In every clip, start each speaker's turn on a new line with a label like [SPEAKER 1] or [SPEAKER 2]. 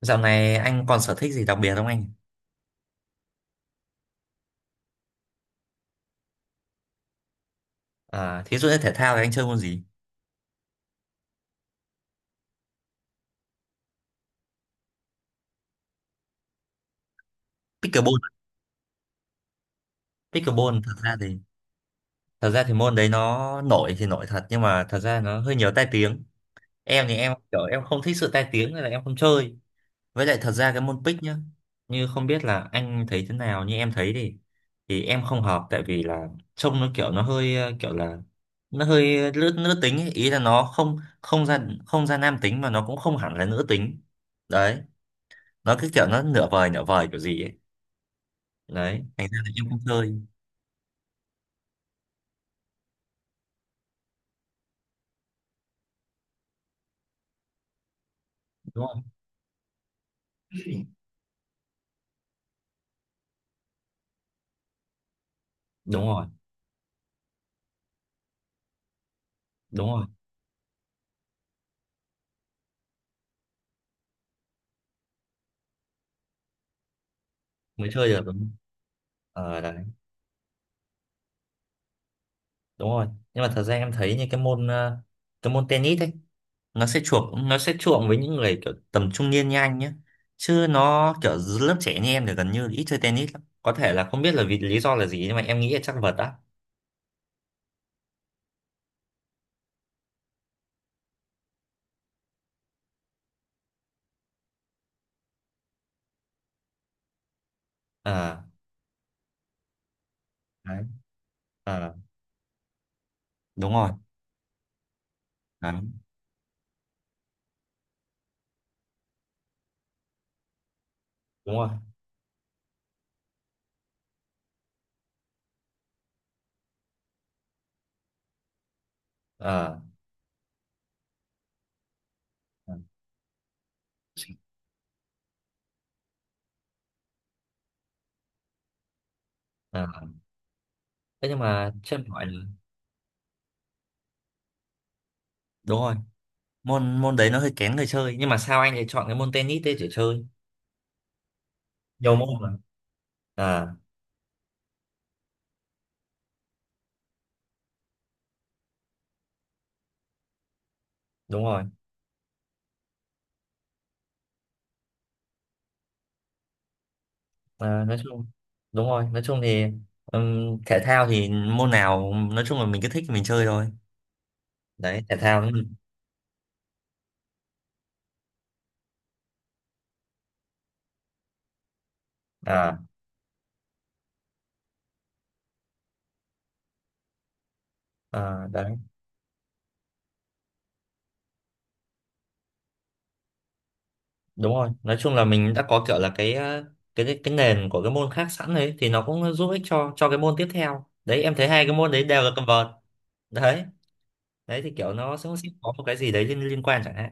[SPEAKER 1] Dạo này anh còn sở thích gì đặc biệt không anh? À, thí dụ như thể thao thì anh chơi môn gì? Pickleball. Pickleball thật ra thì môn đấy nó nổi thì nổi thật nhưng mà thật ra nó hơi nhiều tai tiếng. Em thì em kiểu em không thích sự tai tiếng nên là em không chơi. Với lại thật ra cái môn pick nhá, như không biết là anh thấy thế nào như em thấy thì em không hợp tại vì là trông nó kiểu nó hơi kiểu là nó hơi nữ nữ tính ấy. Ý là nó không không ra không ra nam tính mà nó cũng không hẳn là nữ tính. Đấy, nó cứ kiểu nó nửa vời kiểu gì ấy, đấy thành ra là em không chơi, đúng không? Đúng rồi. Đúng rồi mới chơi được, đúng. Ờ đấy. Đúng rồi, nhưng mà thật ra em thấy như cái môn cái môn tennis ấy nó sẽ chuộng, với những người kiểu tầm trung niên như anh nhé, chứ nó kiểu dưới lớp trẻ như em thì gần như ít chơi tennis lắm, có thể là không biết là vì lý do là gì nhưng mà em nghĩ là chắc vật á. À đấy. À đúng rồi. Đấy. Đúng rồi. À. À. Thế nhưng mà cho em hỏi là, đúng rồi, môn môn đấy nó hơi kén người chơi nhưng mà sao anh lại chọn cái môn tennis đấy để chơi, nhiều môn mà. À. Đúng rồi. À, nói chung đúng rồi, nói chung thì thể thao thì môn nào nói chung là mình cứ thích thì mình chơi thôi, đấy, thể thao đúng không? À. À đấy. Đúng rồi nói chung là mình đã có kiểu là cái cái nền của cái môn khác sẵn đấy thì nó cũng giúp ích cho cái môn tiếp theo. Đấy em thấy hai cái môn đấy đều là cầm vợt. Đấy. Đấy thì kiểu nó sẽ có một cái gì đấy liên liên quan chẳng hạn.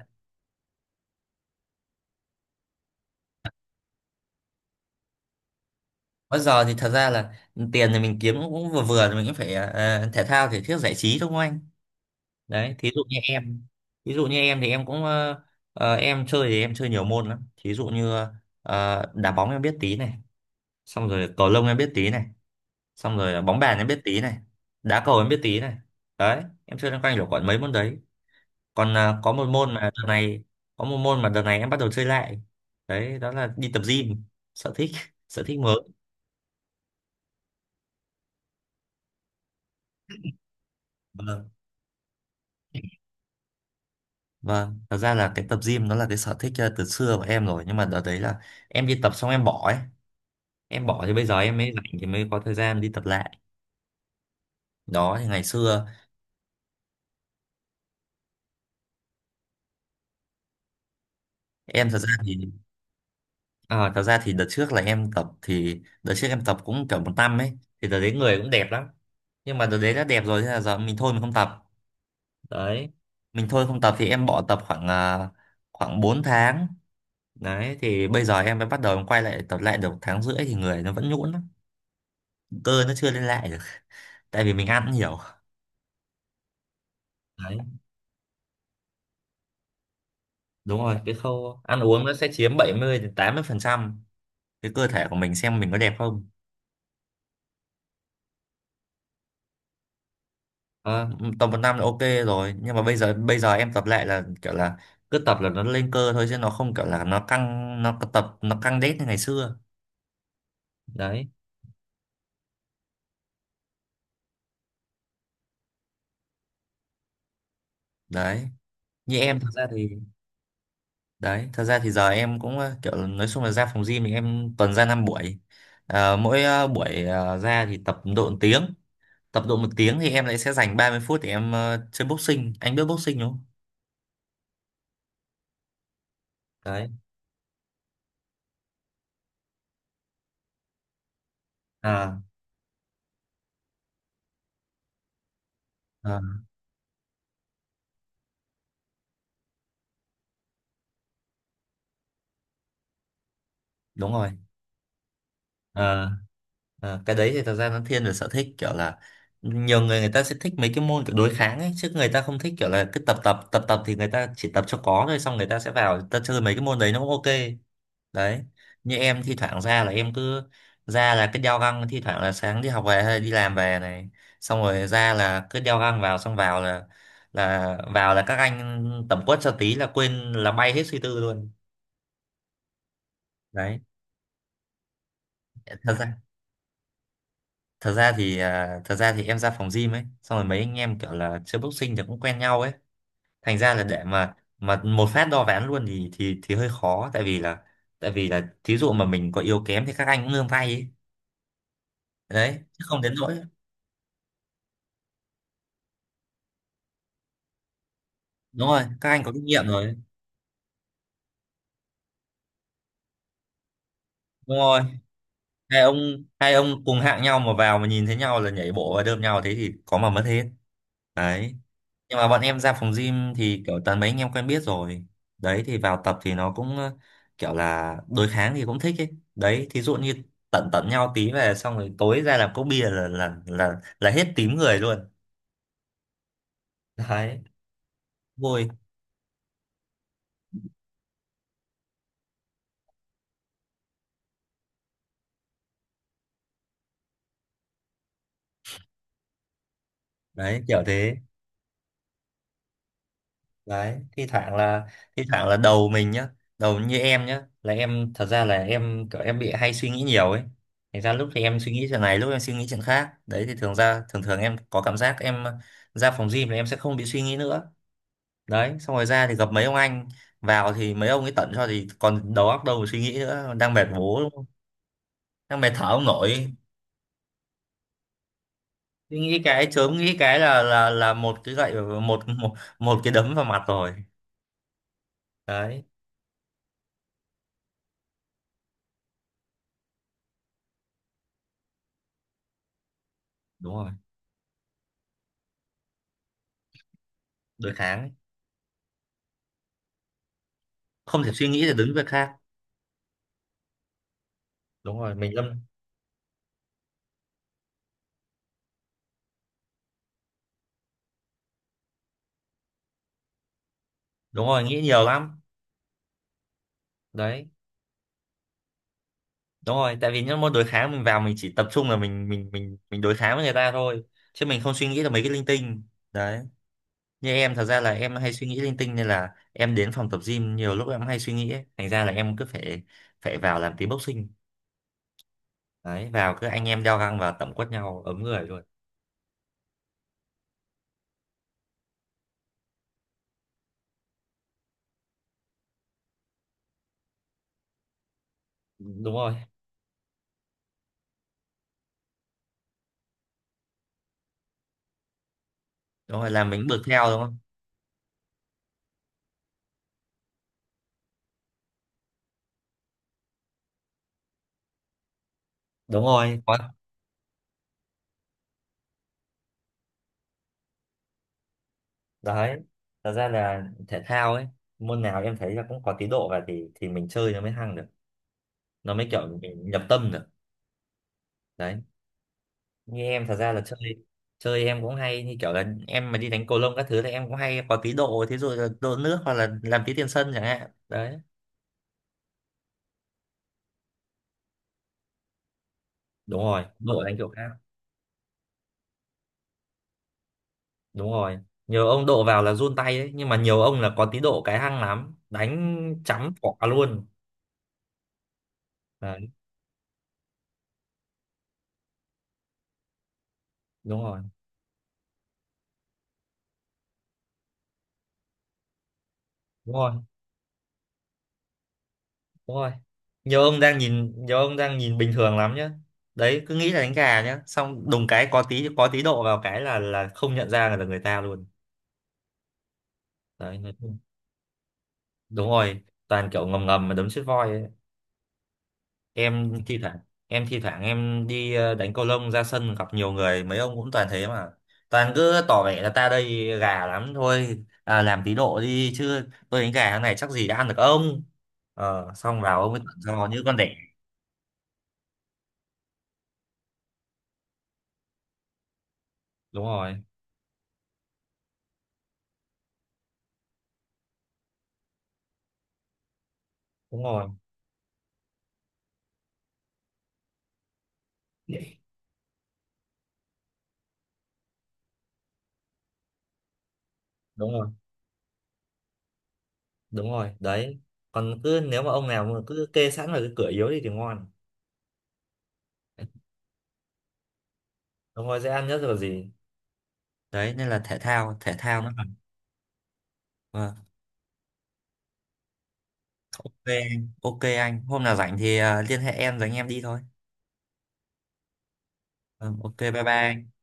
[SPEAKER 1] Bây giờ thì thật ra là tiền thì mình kiếm cũng cũng vừa vừa thì mình cũng phải thể thao thể thiết giải trí đúng không anh? Đấy, thí dụ như em, thí dụ như em thì em cũng em chơi thì em chơi nhiều môn lắm. Thí dụ như đá bóng em biết tí này, xong rồi cầu lông em biết tí này, xong rồi bóng bàn em biết tí này, đá cầu em biết tí này. Đấy, em chơi loanh quanh được khoảng mấy môn đấy. Còn có một môn mà đợt này em bắt đầu chơi lại. Đấy, đó là đi tập gym, sở thích, sở thích mới. Vâng. Vâng, thật ra là cái tập gym nó là cái sở thích từ xưa của em rồi, nhưng mà đợt đấy là em đi tập xong em bỏ ấy. Em bỏ thì bây giờ em mới rảnh thì mới có thời gian đi tập lại. Đó thì ngày xưa em thật ra thì, thật ra thì đợt trước là em tập, cũng kiểu 1 năm ấy thì đợt đấy người cũng đẹp lắm. Nhưng mà đợt đấy đã đẹp rồi thế là giờ mình thôi mình không tập. Đấy. Mình thôi không tập thì em bỏ tập khoảng khoảng 4 tháng. Đấy thì bây giờ em mới bắt đầu em quay lại tập lại được 1 tháng rưỡi thì người nó vẫn nhũn lắm. Cơ nó chưa lên lại được tại vì mình ăn nhiều. Đấy, đúng rồi, cái khâu ăn uống nó sẽ chiếm 70 đến 80% cái cơ thể của mình xem mình có đẹp không. Ờ, tầm 1 năm là ok rồi, nhưng mà bây giờ em tập lại là kiểu là cứ tập là nó lên cơ thôi chứ nó không kiểu là nó căng, nó căng đét như ngày xưa. Đấy. Đấy. Như em thật ra thì, đấy, thật ra thì giờ em cũng kiểu là nói chung là ra phòng gym thì em tuần ra 5 buổi. Ờ, mỗi buổi ra thì tập độ 1 tiếng. Tập độ một tiếng thì em lại sẽ dành 30 phút để em chơi boxing. Anh biết boxing đúng không? Đấy. À. À, đúng rồi. À. À, cái đấy thì thật ra nó thiên về sở thích kiểu là nhiều người, người ta sẽ thích mấy cái môn kiểu đối kháng ấy, chứ người ta không thích kiểu là cứ tập tập tập tập thì người ta chỉ tập cho có thôi, xong người ta sẽ vào người ta chơi mấy cái môn đấy nó cũng ok. Đấy như em thi thoảng ra là em cứ ra là cứ đeo găng, thi thoảng là sáng đi học về hay đi làm về này, xong rồi ra là cứ đeo găng vào, xong vào là, các anh tẩm quất cho tí là quên, là bay hết suy tư luôn, đấy, thật ra, thật ra thì thật ra thì em ra phòng gym ấy xong rồi mấy anh em kiểu là chơi boxing thì cũng quen nhau ấy, thành ra là để mà một phát đo ván luôn thì thì hơi khó tại vì là, thí dụ mà mình có yếu kém thì các anh cũng nương tay ấy, đấy chứ không đến nỗi. Đúng rồi, các anh có kinh nghiệm rồi. Đúng rồi, hai ông, hai ông cùng hạng nhau mà vào mà nhìn thấy nhau là nhảy bộ và đơm nhau thế thì có mà mất hết. Đấy nhưng mà bọn em ra phòng gym thì kiểu toàn mấy anh em quen biết rồi, đấy thì vào tập thì nó cũng kiểu là đối kháng thì cũng thích ấy. Đấy thí dụ như tận tận nhau tí về xong rồi tối ra làm cốc bia là hết tím người luôn. Đấy, vui. Đấy kiểu thế. Đấy thi thoảng là, thi thoảng là đầu mình nhá, đầu như em nhá, là em thật ra là em kiểu em bị hay suy nghĩ nhiều ấy, thành ra lúc thì em suy nghĩ chuyện này, lúc em suy nghĩ chuyện khác. Đấy thì thường ra, thường thường em có cảm giác em ra phòng gym là em sẽ không bị suy nghĩ nữa. Đấy xong rồi ra thì gặp mấy ông anh, vào thì mấy ông ấy tận cho thì còn đầu óc đâu mà suy nghĩ nữa, đang mệt bố đúng không? Đang mệt thở không nổi. Suy nghĩ cái, chớm nghĩ cái là một cái gậy, một một một cái đấm vào mặt rồi. Đấy. Đúng rồi. Đối kháng. Không thể suy nghĩ để đứng việc khác. Đúng rồi mình lâm. Đúng rồi nghĩ nhiều lắm. Đấy. Đúng rồi tại vì những môn đối kháng mình vào mình chỉ tập trung là mình đối kháng với người ta thôi, chứ mình không suy nghĩ là mấy cái linh tinh. Đấy, như em thật ra là em hay suy nghĩ linh tinh nên là em đến phòng tập gym nhiều lúc em hay suy nghĩ ấy, thành ra là em cứ phải phải vào làm tí boxing. Đấy vào cứ anh em đeo găng vào tẩm quất nhau ấm người luôn. Đúng rồi. Đúng rồi làm mình bực theo đúng không. Đúng rồi có. Đấy thật ra là thể thao ấy, môn nào em thấy là cũng có tí độ và thì mình chơi nó mới hăng được, nó mới kiểu mình nhập tâm được. Đấy như em thật ra là chơi, em cũng hay như kiểu là em mà đi đánh cầu lông các thứ thì em cũng hay có tí độ, thí dụ là độ nước hoặc là làm tí tiền sân chẳng hạn. Đấy đúng rồi độ đánh kiểu khác. Đúng rồi nhiều ông độ vào là run tay ấy, nhưng mà nhiều ông là có tí độ cái hăng lắm đánh chấm quả luôn. Đấy. Đúng rồi. Đúng rồi. Đúng rồi. Nhiều ông đang nhìn, nhiều ông đang nhìn bình thường lắm nhá. Đấy cứ nghĩ là đánh gà nhá, xong đùng cái có tí, có tí độ vào cái là không nhận ra là người ta luôn. Đấy nói chung-, đúng rồi, toàn kiểu ngầm ngầm mà đấm chết voi ấy. Em thi thoảng em thi thoảng em đi đánh cầu lông ra sân gặp nhiều người mấy ông cũng toàn thế mà. Toàn cứ tỏ vẻ là ta đây gà lắm thôi, à, làm tí độ đi chứ tôi đánh gà thế này chắc gì đã ăn được ông. Ờ, xong vào ông ấy tận do như con đẻ. Đúng rồi, đúng rồi. Đúng rồi. Đúng rồi đấy. Còn cứ nếu mà ông nào mà cứ kê sẵn vào cái cửa yếu đi thì ngon, ông ấy dễ ăn nhất rồi gì. Đấy nên là thể thao nó cần. Vâng. Ok anh, ok anh hôm nào rảnh thì liên hệ em rồi anh em đi thôi. Vâng, ok bye bye anh.